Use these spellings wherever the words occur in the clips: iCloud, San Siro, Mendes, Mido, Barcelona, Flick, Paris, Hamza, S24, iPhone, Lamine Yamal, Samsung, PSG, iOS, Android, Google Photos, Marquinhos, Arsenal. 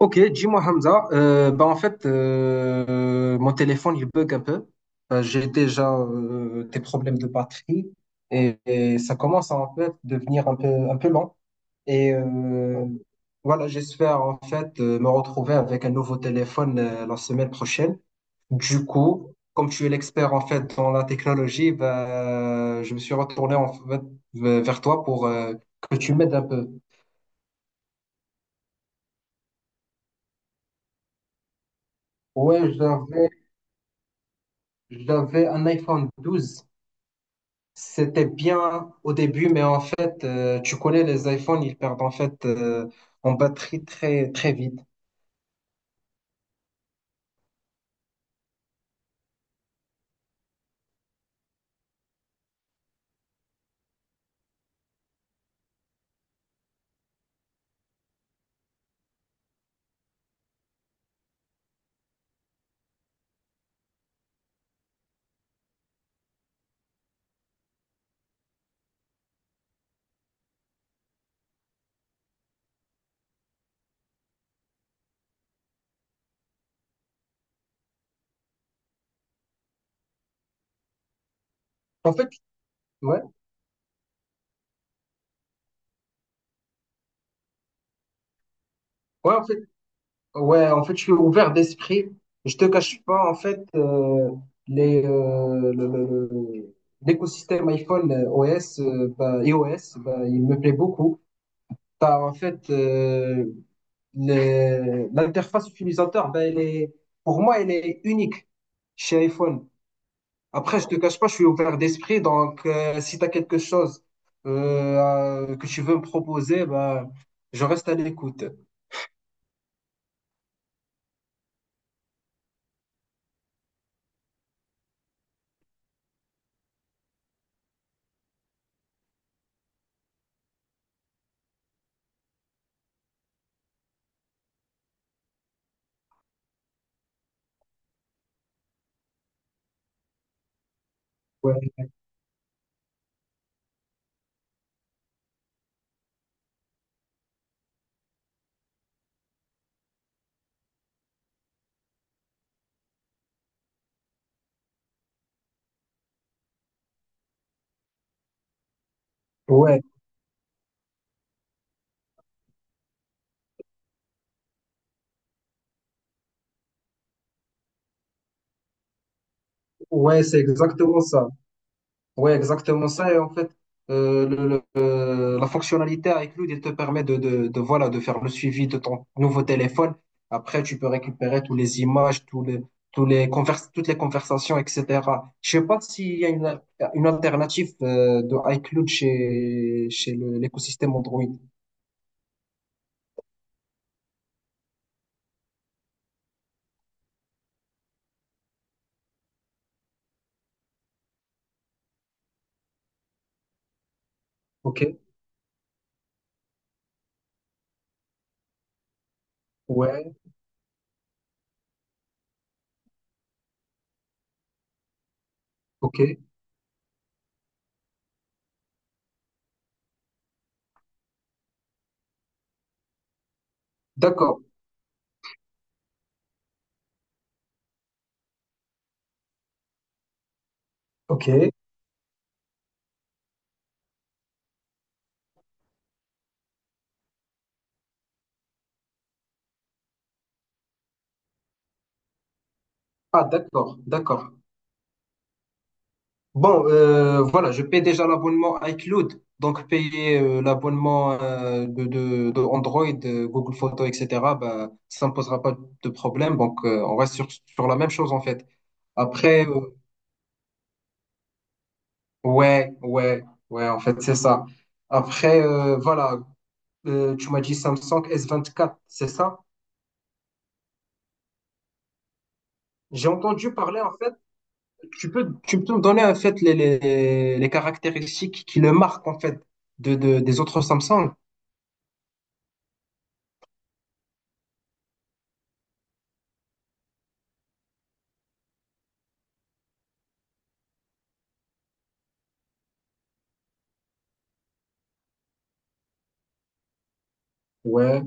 Ok, dis-moi Hamza, bah en fait, mon téléphone il bug un peu. J'ai déjà des problèmes de batterie et ça commence à en fait devenir un peu lent. Et voilà, j'espère en fait me retrouver avec un nouveau téléphone la semaine prochaine. Du coup, comme tu es l'expert en fait dans la technologie, bah, je me suis retourné en fait vers toi pour que tu m'aides un peu. Ouais, j'avais un iPhone 12. C'était bien au début, mais en fait, tu connais les iPhones, ils perdent en fait en batterie très très vite. En fait, ouais, ouais, en fait, ouais, en fait, je suis ouvert d'esprit. Je te cache pas, en fait, les le- l'écosystème iPhone OS, bah, iOS, bah, il me plaît beaucoup. Bah en fait l'interface utilisateur, bah, elle est, pour moi, elle est unique chez iPhone. Après, je te cache pas, je suis ouvert d'esprit, donc si tu as quelque chose que tu veux me proposer, bah, je reste à l'écoute. Ouais, ouais, ouais, c'est exactement ça. Ouais, exactement ça. Et en fait, la fonctionnalité avec Loot, elle te permet de, voilà, de faire le suivi de ton nouveau téléphone. Après, tu peux récupérer toutes les images, toutes les conversations, etc. Je sais pas s'il y a une alternative de iCloud chez l'écosystème Android. OK. Ouais. OK. D'accord. OK. Ah, d'accord. D'accord. Bon, voilà, je paie déjà l'abonnement iCloud, donc payer l'abonnement de Android, Google Photos, etc., ben, ça ne posera pas de problème. Donc, on reste sur la même chose, en fait. Après, ouais, ouais, ouais, en fait, c'est ça. Après, voilà, tu m'as dit Samsung S24, c'est ça? J'ai entendu parler, en fait. Tu peux me donner en fait les caractéristiques qui le marquent en fait des autres Samsung? Ouais,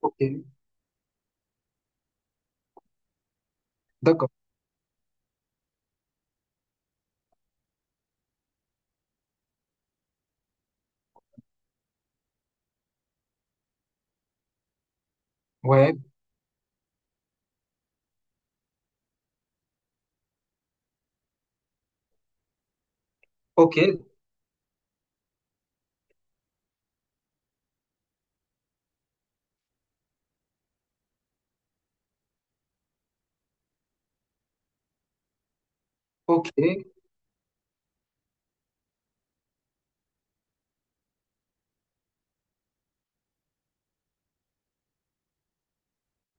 ok, d'accord. Ouais, ok, ok,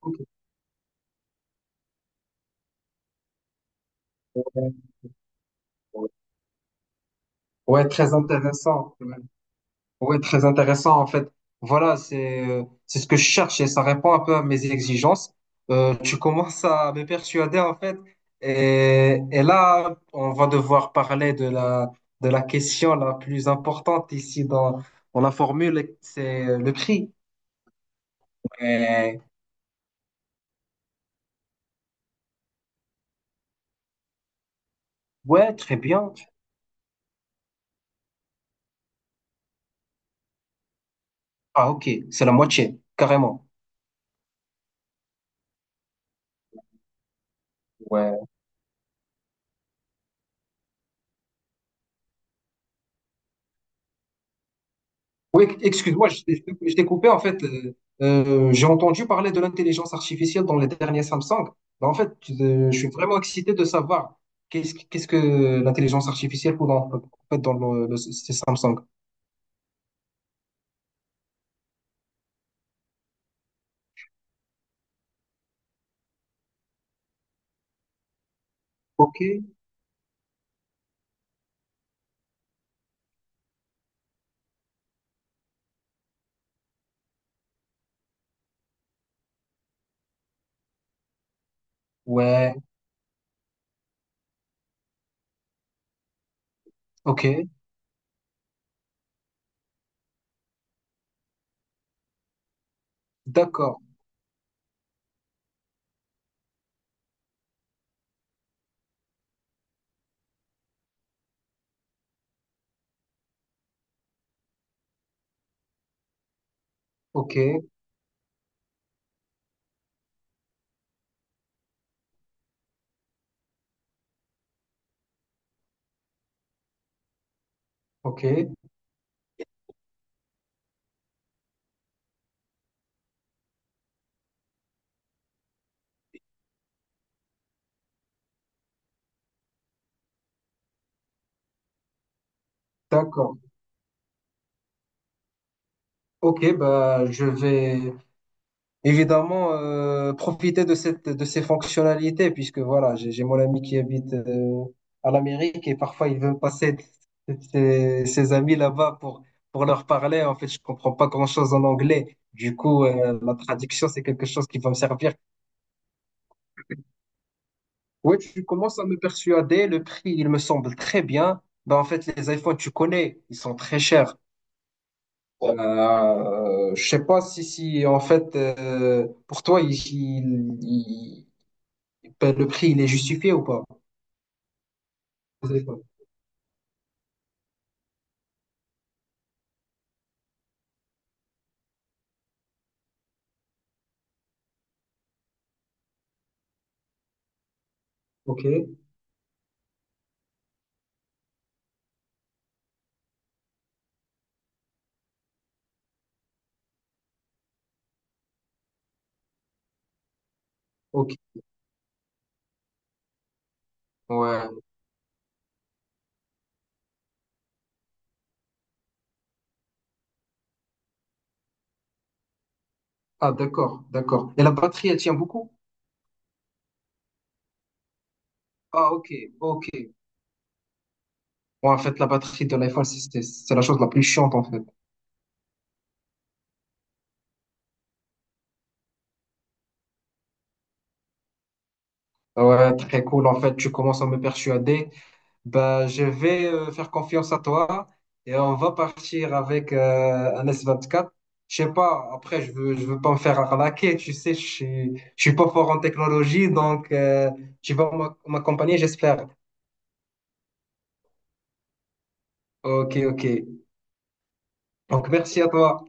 ok. Ouais, très intéressant. Ouais. Oui, très intéressant en fait. Voilà, c'est ce que je cherche et ça répond un peu à mes exigences. Tu commences à me persuader en fait. Et là, on va devoir parler de la question la plus importante ici dans la formule, c'est le prix. Et- ouais, très bien. Ah ok, c'est la moitié, carrément. Oui, excuse-moi, je t'ai coupé. En fait, j'ai entendu parler de l'intelligence artificielle dans les derniers Samsung. Mais en fait, je suis vraiment excité de savoir qu'est-ce que l'intelligence artificielle pour dans, en fait, dans ces Samsung. Ok, ouais, ok, d'accord, ok, ok, d'accord. Ok, bah, je vais. Évidemment, profiter de de ces fonctionnalités, puisque voilà, j'ai mon ami qui habite à l'Amérique et parfois il veut passer ses amis là-bas pour leur parler. En fait, je comprends pas grand-chose en anglais. Du coup, la traduction, c'est quelque chose qui va me servir. Oui, tu commences à me persuader. Le prix, il me semble très bien. Ben, en fait, les iPhones, tu connais, ils sont très chers. Je sais pas si en fait, pour toi, il- ben, le prix, il est justifié ou pas? Vous avez pas. Ok, ok. Ouais. Ah, d'accord, d'accord. Et la batterie, elle tient beaucoup? Ah, ok, ok. Bon, en fait, la batterie de l'iPhone, c'est la chose la plus chiante, en fait. Ouais, très cool. En fait, tu commences à me persuader. Ben, je vais faire confiance à toi et on va partir avec un S24. Je sais pas, après, je veux pas me faire arnaquer, tu sais, je suis pas fort en technologie, donc tu vas m'accompagner, j'espère. Ok, ok. Donc, merci à toi.